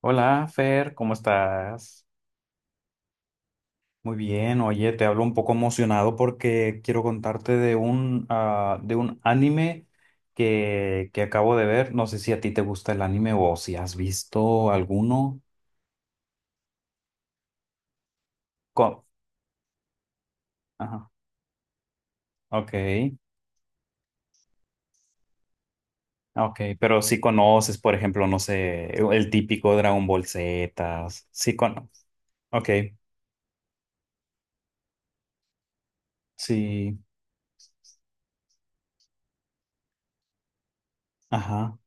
Hola, Fer, ¿cómo estás? Muy bien, oye, te hablo un poco emocionado porque quiero contarte de de un anime que acabo de ver. No sé si a ti te gusta el anime o si has visto alguno. Co- Ajá, ok, ok, pero si conoces, por ejemplo, no sé, el típico Dragon Ball Z, sí conoces, ok, sí, ajá.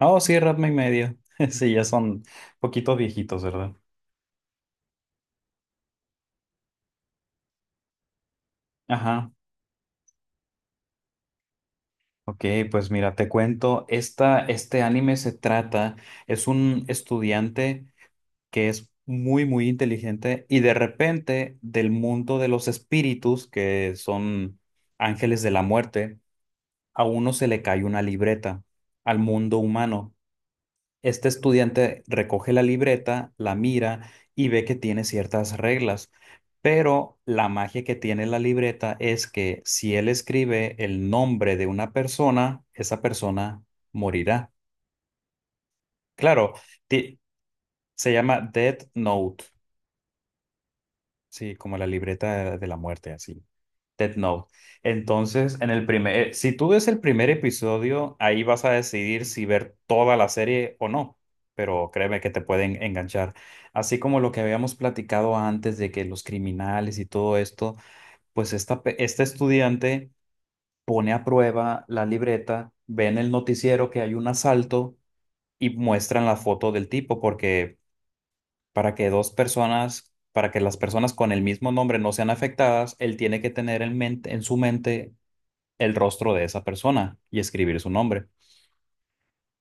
Oh, sí, Ratma y medio, sí, ya son poquitos viejitos, ¿verdad? Ajá. Ok, pues mira, te cuento, este anime se trata, es un estudiante que es muy, muy inteligente y de repente del mundo de los espíritus, que son ángeles de la muerte, a uno se le cae una libreta al mundo humano. Este estudiante recoge la libreta, la mira y ve que tiene ciertas reglas, pero la magia que tiene la libreta es que si él escribe el nombre de una persona, esa persona morirá. Claro, ti- se llama Death Note, sí, como la libreta de la muerte, así. Death Note. Entonces, en el si tú ves el primer episodio, ahí vas a decidir si ver toda la serie o no, pero créeme que te pueden enganchar. Así como lo que habíamos platicado antes de que los criminales y todo esto, pues este estudiante pone a prueba la libreta, ve en el noticiero que hay un asalto y muestran la foto del tipo, porque para que dos personas... Para que las personas con el mismo nombre no sean afectadas, él tiene que tener en mente, en su mente el rostro de esa persona y escribir su nombre.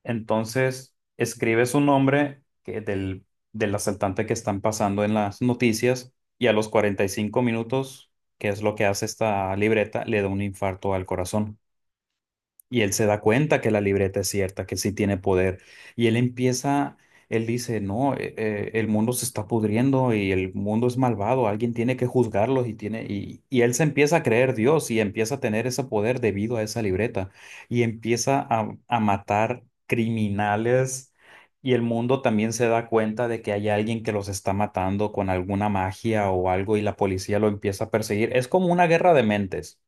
Entonces, escribe su nombre del asaltante que están pasando en las noticias y a los 45 minutos, que es lo que hace esta libreta, le da un infarto al corazón. Y él se da cuenta que la libreta es cierta, que sí tiene poder. Y él empieza, él dice, no, el mundo se está pudriendo y el mundo es malvado, alguien tiene que juzgarlos y él se empieza a creer Dios y empieza a tener ese poder debido a esa libreta y empieza a matar criminales y el mundo también se da cuenta de que hay alguien que los está matando con alguna magia o algo y la policía lo empieza a perseguir. Es como una guerra de mentes.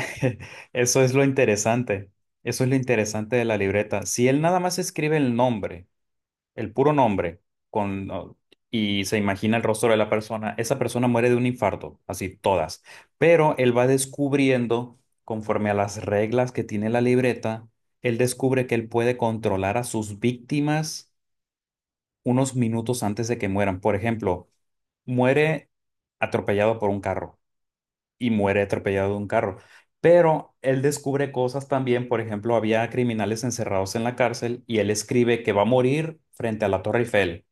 Eso es lo interesante. Eso es lo interesante de la libreta. Si él nada más escribe el nombre, el puro nombre, con, o- y se imagina el rostro de la persona, esa persona muere de un infarto, así todas. Pero él va descubriendo, conforme a las reglas que tiene la libreta, él descubre que él puede controlar a sus víctimas unos minutos antes de que mueran. Por ejemplo, muere atropellado por un carro y muere atropellado de un carro. Pero él descubre cosas también, por ejemplo, había criminales encerrados en la cárcel y él escribe que va a morir frente a la Torre Eiffel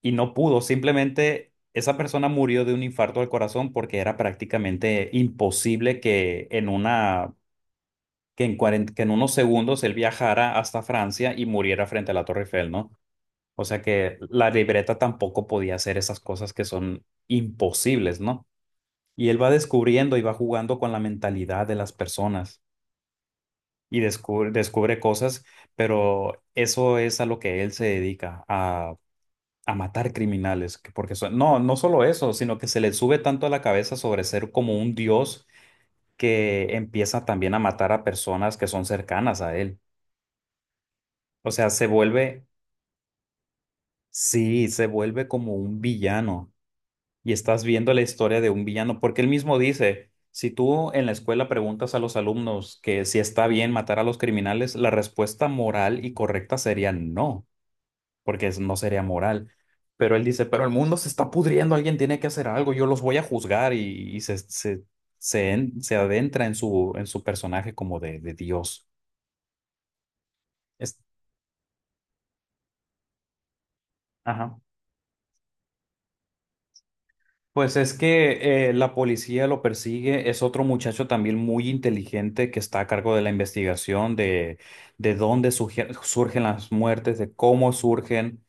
y no pudo, simplemente esa persona murió de un infarto al corazón porque era prácticamente imposible que en una que en, cuarenta que en unos segundos él viajara hasta Francia y muriera frente a la Torre Eiffel, ¿no? O sea que la libreta tampoco podía hacer esas cosas que son imposibles, ¿no? Y él va descubriendo y va jugando con la mentalidad de las personas y descubre cosas, pero eso es a lo que él se dedica, a matar criminales, no, no solo eso, sino que se le sube tanto a la cabeza sobre ser como un dios que empieza también a matar a personas que son cercanas a él. O sea, sí, se vuelve como un villano. Y estás viendo la historia de un villano, porque él mismo dice, si tú en la escuela preguntas a los alumnos que si está bien matar a los criminales, la respuesta moral y correcta sería no, porque no sería moral. Pero él dice, pero el mundo se está pudriendo, alguien tiene que hacer algo, yo los voy a juzgar y se adentra en su personaje como de Dios. Es, ajá. Pues es que la policía lo persigue, es otro muchacho también muy inteligente que está a cargo de la investigación de dónde surgen las muertes, de cómo surgen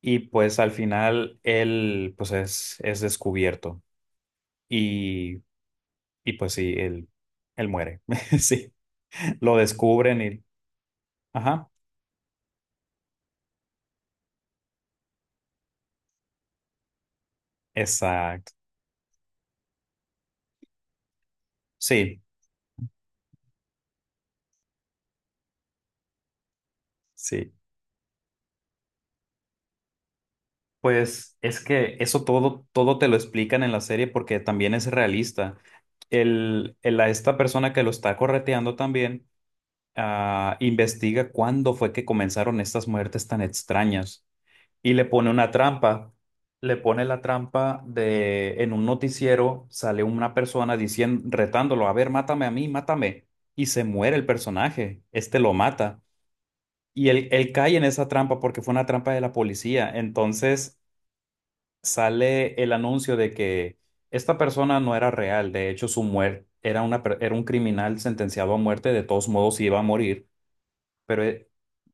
y pues al final él es descubierto y, y pues sí, él muere, sí, lo descubren y... Ajá, exacto, sí, sí. Pues es que eso todo, todo te lo explican en la serie porque también es realista. A esta persona que lo está correteando también investiga cuándo fue que comenzaron estas muertes tan extrañas y le pone una trampa. Le pone la trampa de en un noticiero sale una persona diciendo, retándolo, a ver, mátame a mí, mátame. Y se muere el personaje, este lo mata. Y él cae en esa trampa porque fue una trampa de la policía. Entonces sale el anuncio de que esta persona no era real, de hecho su muerte era una, era un criminal sentenciado a muerte, de todos modos iba a morir, pero, e-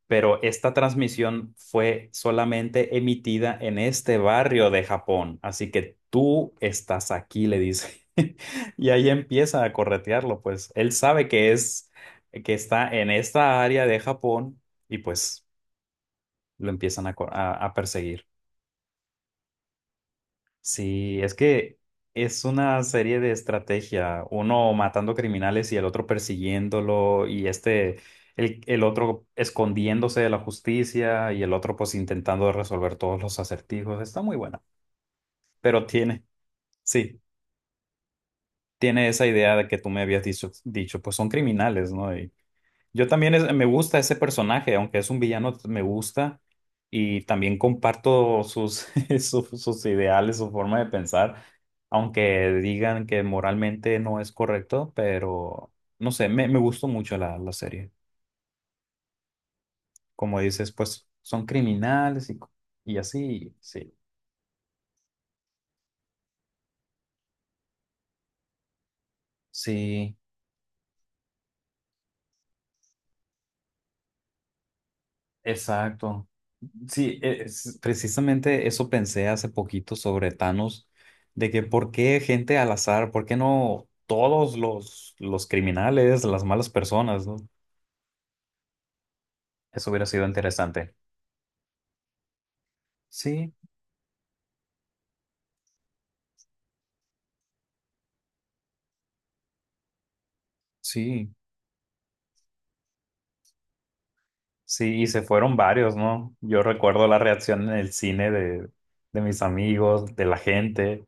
pero esta transmisión fue solamente emitida en este barrio de Japón, así que tú estás aquí, le dice. Y ahí empieza a corretearlo, pues él sabe que está en esta área de Japón y pues lo empiezan a, co- a perseguir. Sí, es que es una serie de estrategia, uno matando criminales y el otro persiguiéndolo y el otro escondiéndose de la justicia y el otro pues intentando resolver todos los acertijos. Está muy buena, pero tiene, sí, tiene esa idea de que tú me habías dicho, pues son criminales, ¿no? Yo también me gusta ese personaje, aunque es un villano, me gusta y también comparto sus, sus ideales, su forma de pensar, aunque digan que moralmente no es correcto, pero no sé, me gustó mucho la serie. Como dices, pues son criminales y así, sí, sí, exacto. Sí, precisamente eso pensé hace poquito sobre Thanos, de que por qué gente al azar, por qué no todos los criminales, las malas personas, ¿no? Eso hubiera sido interesante. Sí, sí, sí, y se fueron varios, ¿no? Yo recuerdo la reacción en el cine de mis amigos, de la gente.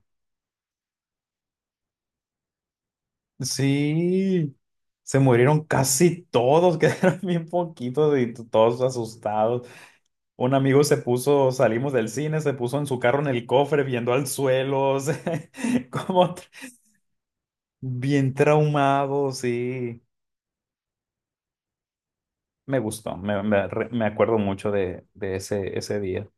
Sí, se murieron casi todos, quedaron bien poquitos y todos asustados. Un amigo se puso, salimos del cine, se puso en su carro en el cofre viendo al suelo, o sea, como tr- bien traumado, sí. Me gustó, me acuerdo mucho de ese, ese día.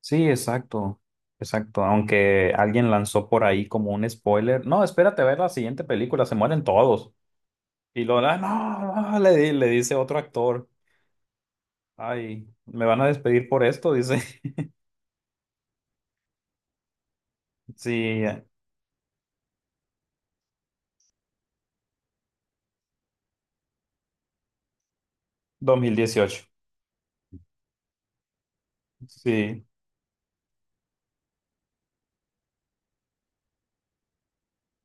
Sí, exacto, exacto. Aunque alguien lanzó por ahí como un spoiler. No, espérate a ver la siguiente película, se mueren todos. "Ah, no, no", le dice otro actor. Ay, me van a despedir por esto, dice. Sí, 2018, sí.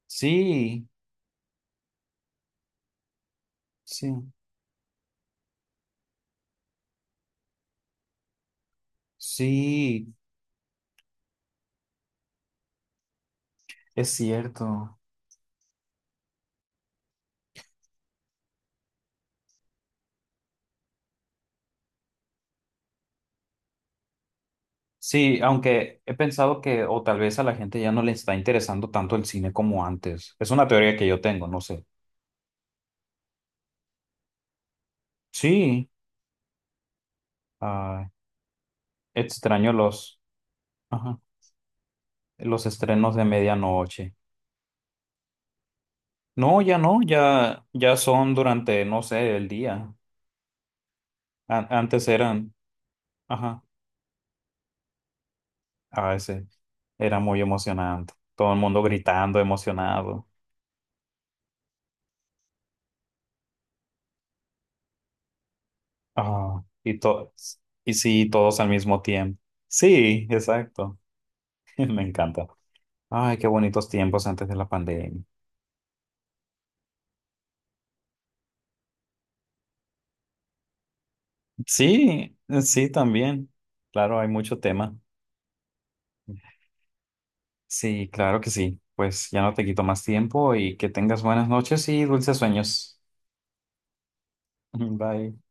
Sí, sí, sí, es cierto. Sí, aunque he pensado que o tal vez a la gente ya no le está interesando tanto el cine como antes. Es una teoría que yo tengo, no sé. Sí, ah, extraño ajá, los estrenos de medianoche. No, ya no, ya son durante, no sé, el día. An- antes eran, ajá, a veces era muy emocionante. Todo el mundo gritando, emocionado. Ah, y todos, y sí, todos al mismo tiempo. Sí, exacto. Me encanta. Ay, qué bonitos tiempos antes de la pandemia. Sí, sí, también. Claro, hay mucho tema. Sí, claro que sí. Pues ya no te quito más tiempo y que tengas buenas noches y dulces sueños. Bye.